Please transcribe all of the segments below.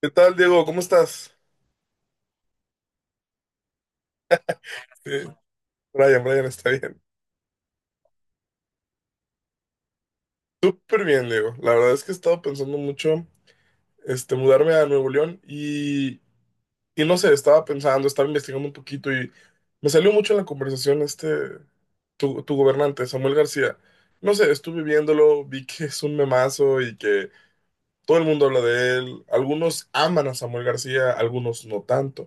¿Qué tal, Diego? ¿Cómo estás? Eh, Brian, Brian está bien. Súper bien, Diego. La verdad es que he estado pensando mucho, este, mudarme a Nuevo León y, no sé, estaba pensando, estaba investigando un poquito y me salió mucho en la conversación este, tu gobernante, Samuel García. No sé, estuve viéndolo, vi que es un memazo y que todo el mundo habla de él. Algunos aman a Samuel García, algunos no tanto.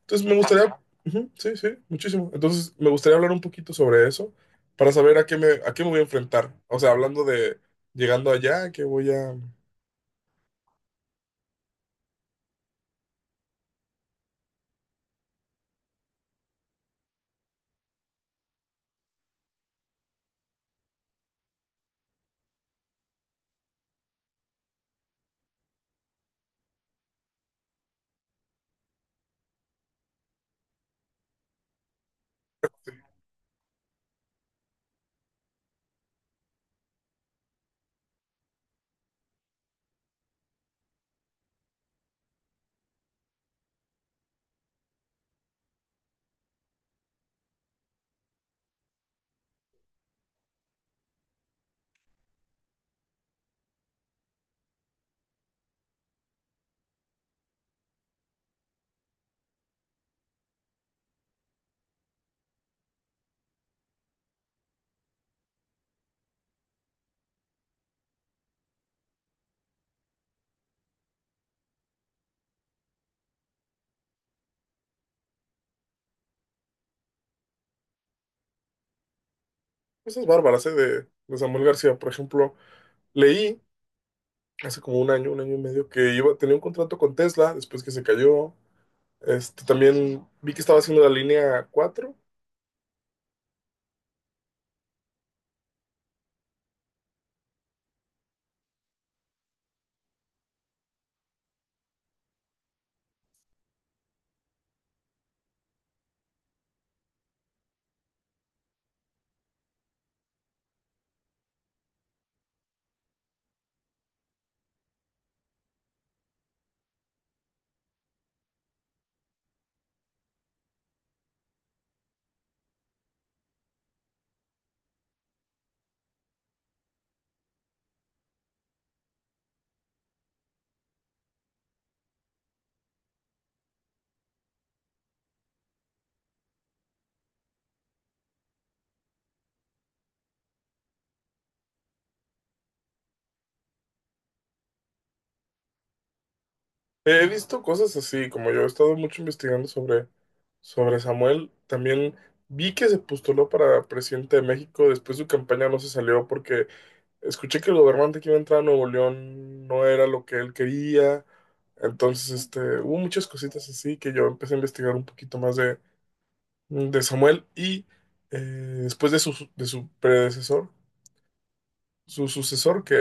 Entonces me gustaría, ujú, sí, sí, muchísimo. Entonces me gustaría hablar un poquito sobre eso para saber a qué me voy a enfrentar. O sea, hablando de llegando allá, que voy a... Cosas bárbaras, ¿eh? De Samuel García, por ejemplo. Leí hace como un año y medio, que iba, tenía un contrato con Tesla después que se cayó. Este, también vi que estaba haciendo la línea 4. He visto cosas así, como yo he estado mucho investigando sobre Samuel, también vi que se postuló para presidente de México, después su campaña no se salió porque escuché que el gobernante que iba a entrar a Nuevo León no era lo que él quería, entonces este, hubo muchas cositas así que yo empecé a investigar un poquito más de, Samuel y después de su predecesor, su sucesor, que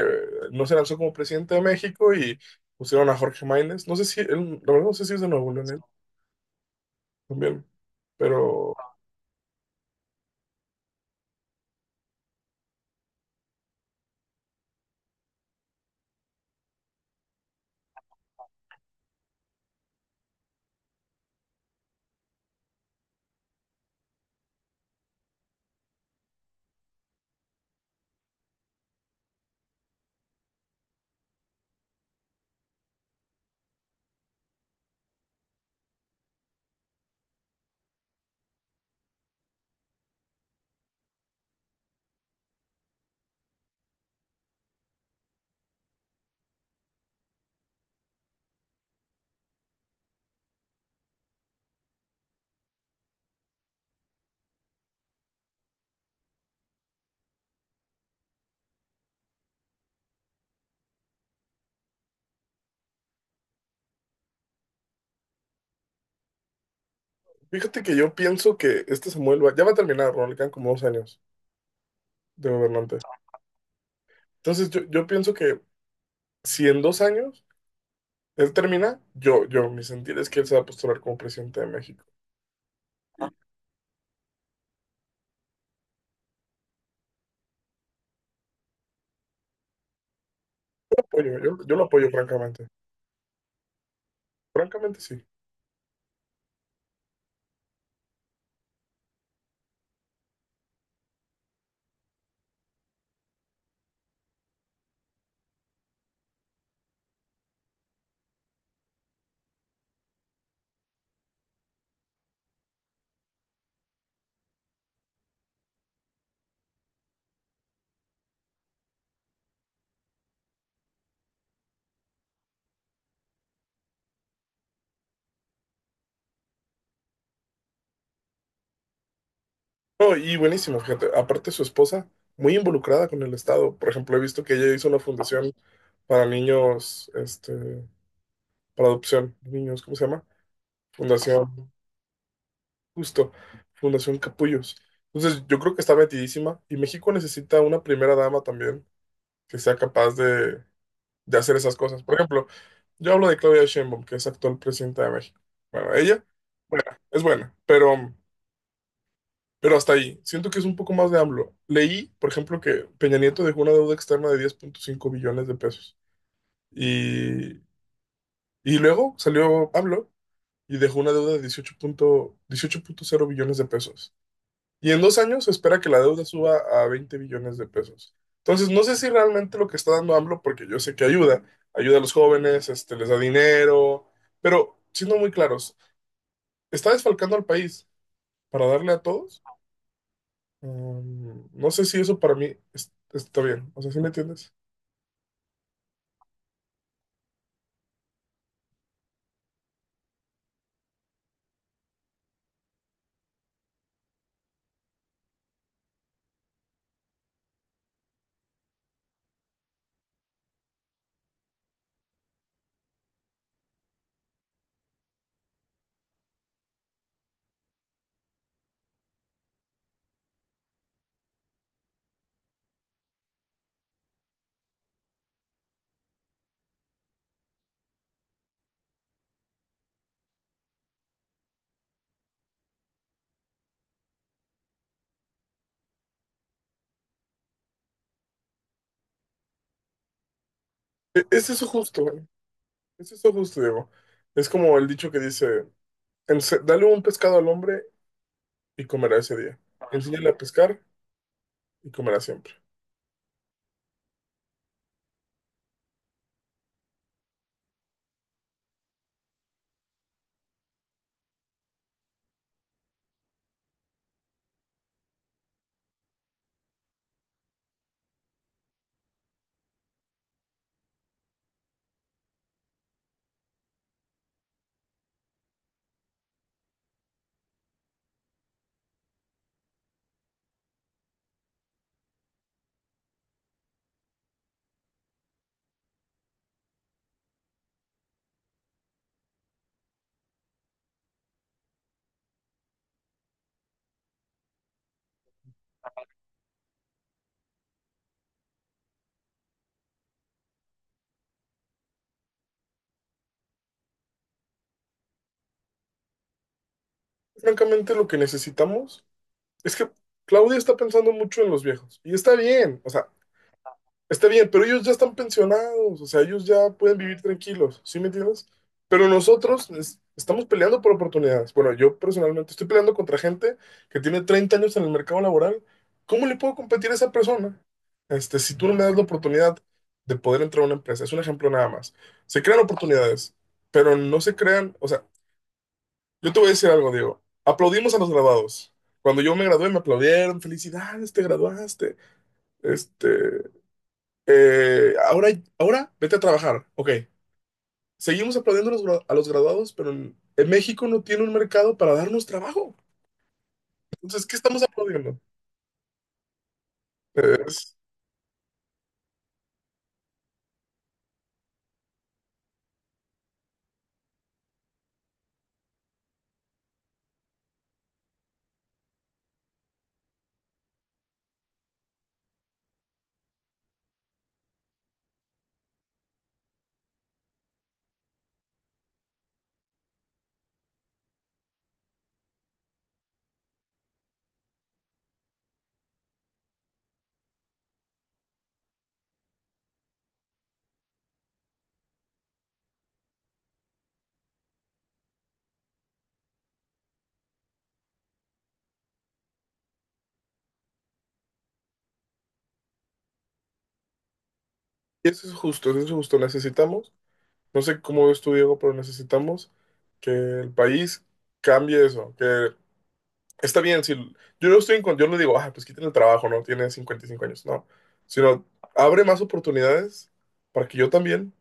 no se lanzó como presidente de México y pusieron a Jorge Máynez, no sé si, él- la verdad no sé si es de Nuevo León, él. También. Pero fíjate que yo pienso que este Samuel va, ya va a terminar, ¿no? Le quedan como dos años de gobernante. Entonces yo pienso que si en dos años él termina, mi sentir es que él se va a postular como presidente de México. Yo lo apoyo, yo lo apoyo francamente. Francamente sí. No, y buenísimo, fíjate. Aparte su esposa, muy involucrada con el estado. Por ejemplo, he visto que ella hizo una fundación para niños, este, para adopción, niños, ¿cómo se llama? Fundación. Justo, Fundación Capullos. Entonces, yo creo que está metidísima y México necesita una primera dama también que sea capaz de, hacer esas cosas. Por ejemplo, yo hablo de Claudia Sheinbaum, que es actual presidenta de México. Bueno, ella es buena, pero, hasta ahí. Siento que es un poco más de AMLO. Leí, por ejemplo, que Peña Nieto dejó una deuda externa de 10.5 billones de pesos y, luego salió AMLO y dejó una deuda de 18.0 billones de pesos. Y en dos años se espera que la deuda suba a 20 billones de pesos. Entonces, no sé si realmente lo que está dando AMLO, porque yo sé que ayuda, ayuda a los jóvenes, este, les da dinero, pero siendo muy claros, ¿está desfalcando al país para darle a todos? No sé si eso para mí es- está bien, o sea, ¿sí me entiendes? Es eso justo, güey. Es eso justo, Diego. Es como el dicho que dice: Dale un pescado al hombre y comerá ese día. Enséñale a pescar y comerá siempre". Francamente, lo que necesitamos es que Claudia está pensando mucho en los viejos. Y está bien, o sea, está bien, pero ellos ya están pensionados, o sea, ellos ya pueden vivir tranquilos, ¿sí me entiendes? Pero nosotros estamos peleando por oportunidades. Bueno, yo personalmente estoy peleando contra gente que tiene 30 años en el mercado laboral. ¿Cómo le puedo competir a esa persona? Este, si tú no me das la oportunidad de poder entrar a una empresa, es un ejemplo nada más. Se crean oportunidades, pero no se crean, o sea, yo te voy a decir algo, Diego. Aplaudimos a los graduados. Cuando yo me gradué, me aplaudieron. Felicidades, te graduaste. Este, eh, ahora, ahora vete a trabajar. Ok. Seguimos aplaudiendo a a los graduados, pero en México no tiene un mercado para darnos trabajo. Entonces, ¿qué estamos aplaudiendo? Es- Eso es justo, eso es justo. Necesitamos, no sé cómo ves tú, Diego, pero necesitamos que el país cambie eso. Que está bien, si yo no estoy yo no digo, ah, pues quiten el trabajo, no tiene 55 años, no, sino abre más oportunidades para que yo también,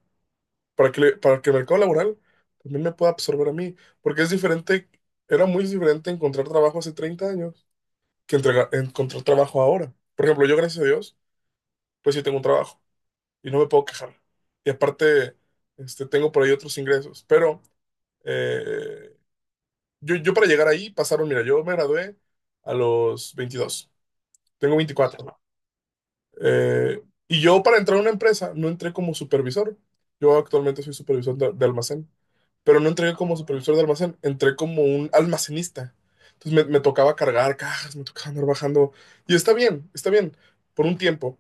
para que el mercado laboral también me pueda absorber a mí, porque es diferente, era muy diferente encontrar trabajo hace 30 años que encontrar trabajo ahora. Por ejemplo, yo gracias a Dios, pues sí tengo un trabajo y no me puedo quejar. Y aparte, este, tengo por ahí otros ingresos, pero eh, yo para llegar ahí pasaron, mira, yo me gradué a los 22. Tengo 24. Eh, y yo para entrar a una empresa no entré como supervisor. Yo actualmente soy supervisor de almacén, pero no entré como supervisor de almacén, entré como un almacenista. Entonces me tocaba cargar cajas, me tocaba andar bajando. Y está bien, por un tiempo,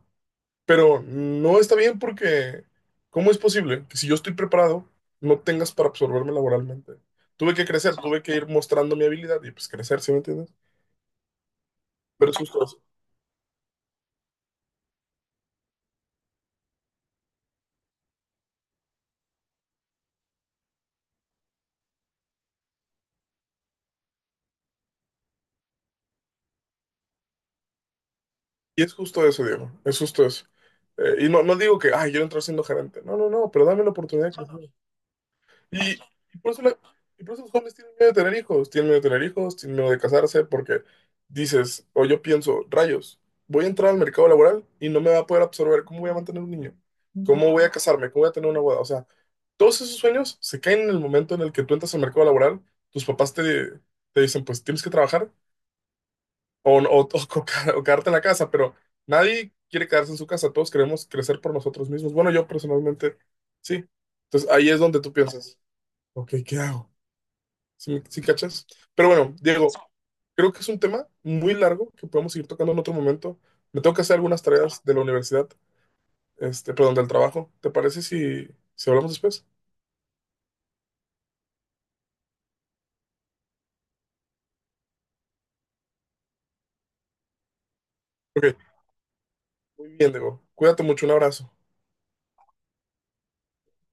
pero no está bien porque ¿cómo es posible que si yo estoy preparado no tengas para absorberme laboralmente? Tuve que crecer, tuve que ir mostrando mi habilidad y pues crecer, ¿sí me entiendes? Pero es justo Y es justo eso, Diego, es justo eso. Y no digo que, ay, yo entro siendo gerente. No, no, no, pero dame la oportunidad. Y, y por y por eso los jóvenes tienen miedo de tener hijos, tienen miedo de tener hijos, tienen miedo de casarse, porque dices, o yo pienso, rayos, voy a entrar al mercado laboral y no me va a poder absorber. ¿Cómo voy a mantener un niño? ¿Cómo voy a casarme? ¿Cómo voy a tener una boda? O sea, todos esos sueños se caen en el momento en el que tú entras al mercado laboral, tus papás te, te dicen, pues tienes que trabajar o o quedarte en la casa, pero nadie quiere quedarse en su casa, todos queremos crecer por nosotros mismos. Bueno, yo personalmente, sí. Entonces ahí es donde tú piensas, ok, ¿qué hago? Sí cachas? Pero bueno, Diego, creo que es un tema muy largo que podemos seguir tocando en otro momento. Me tengo que hacer algunas tareas de la universidad, este, perdón, del trabajo. ¿Te parece si, si hablamos después? Ok, muy bien, Diego. Cuídate mucho, un abrazo.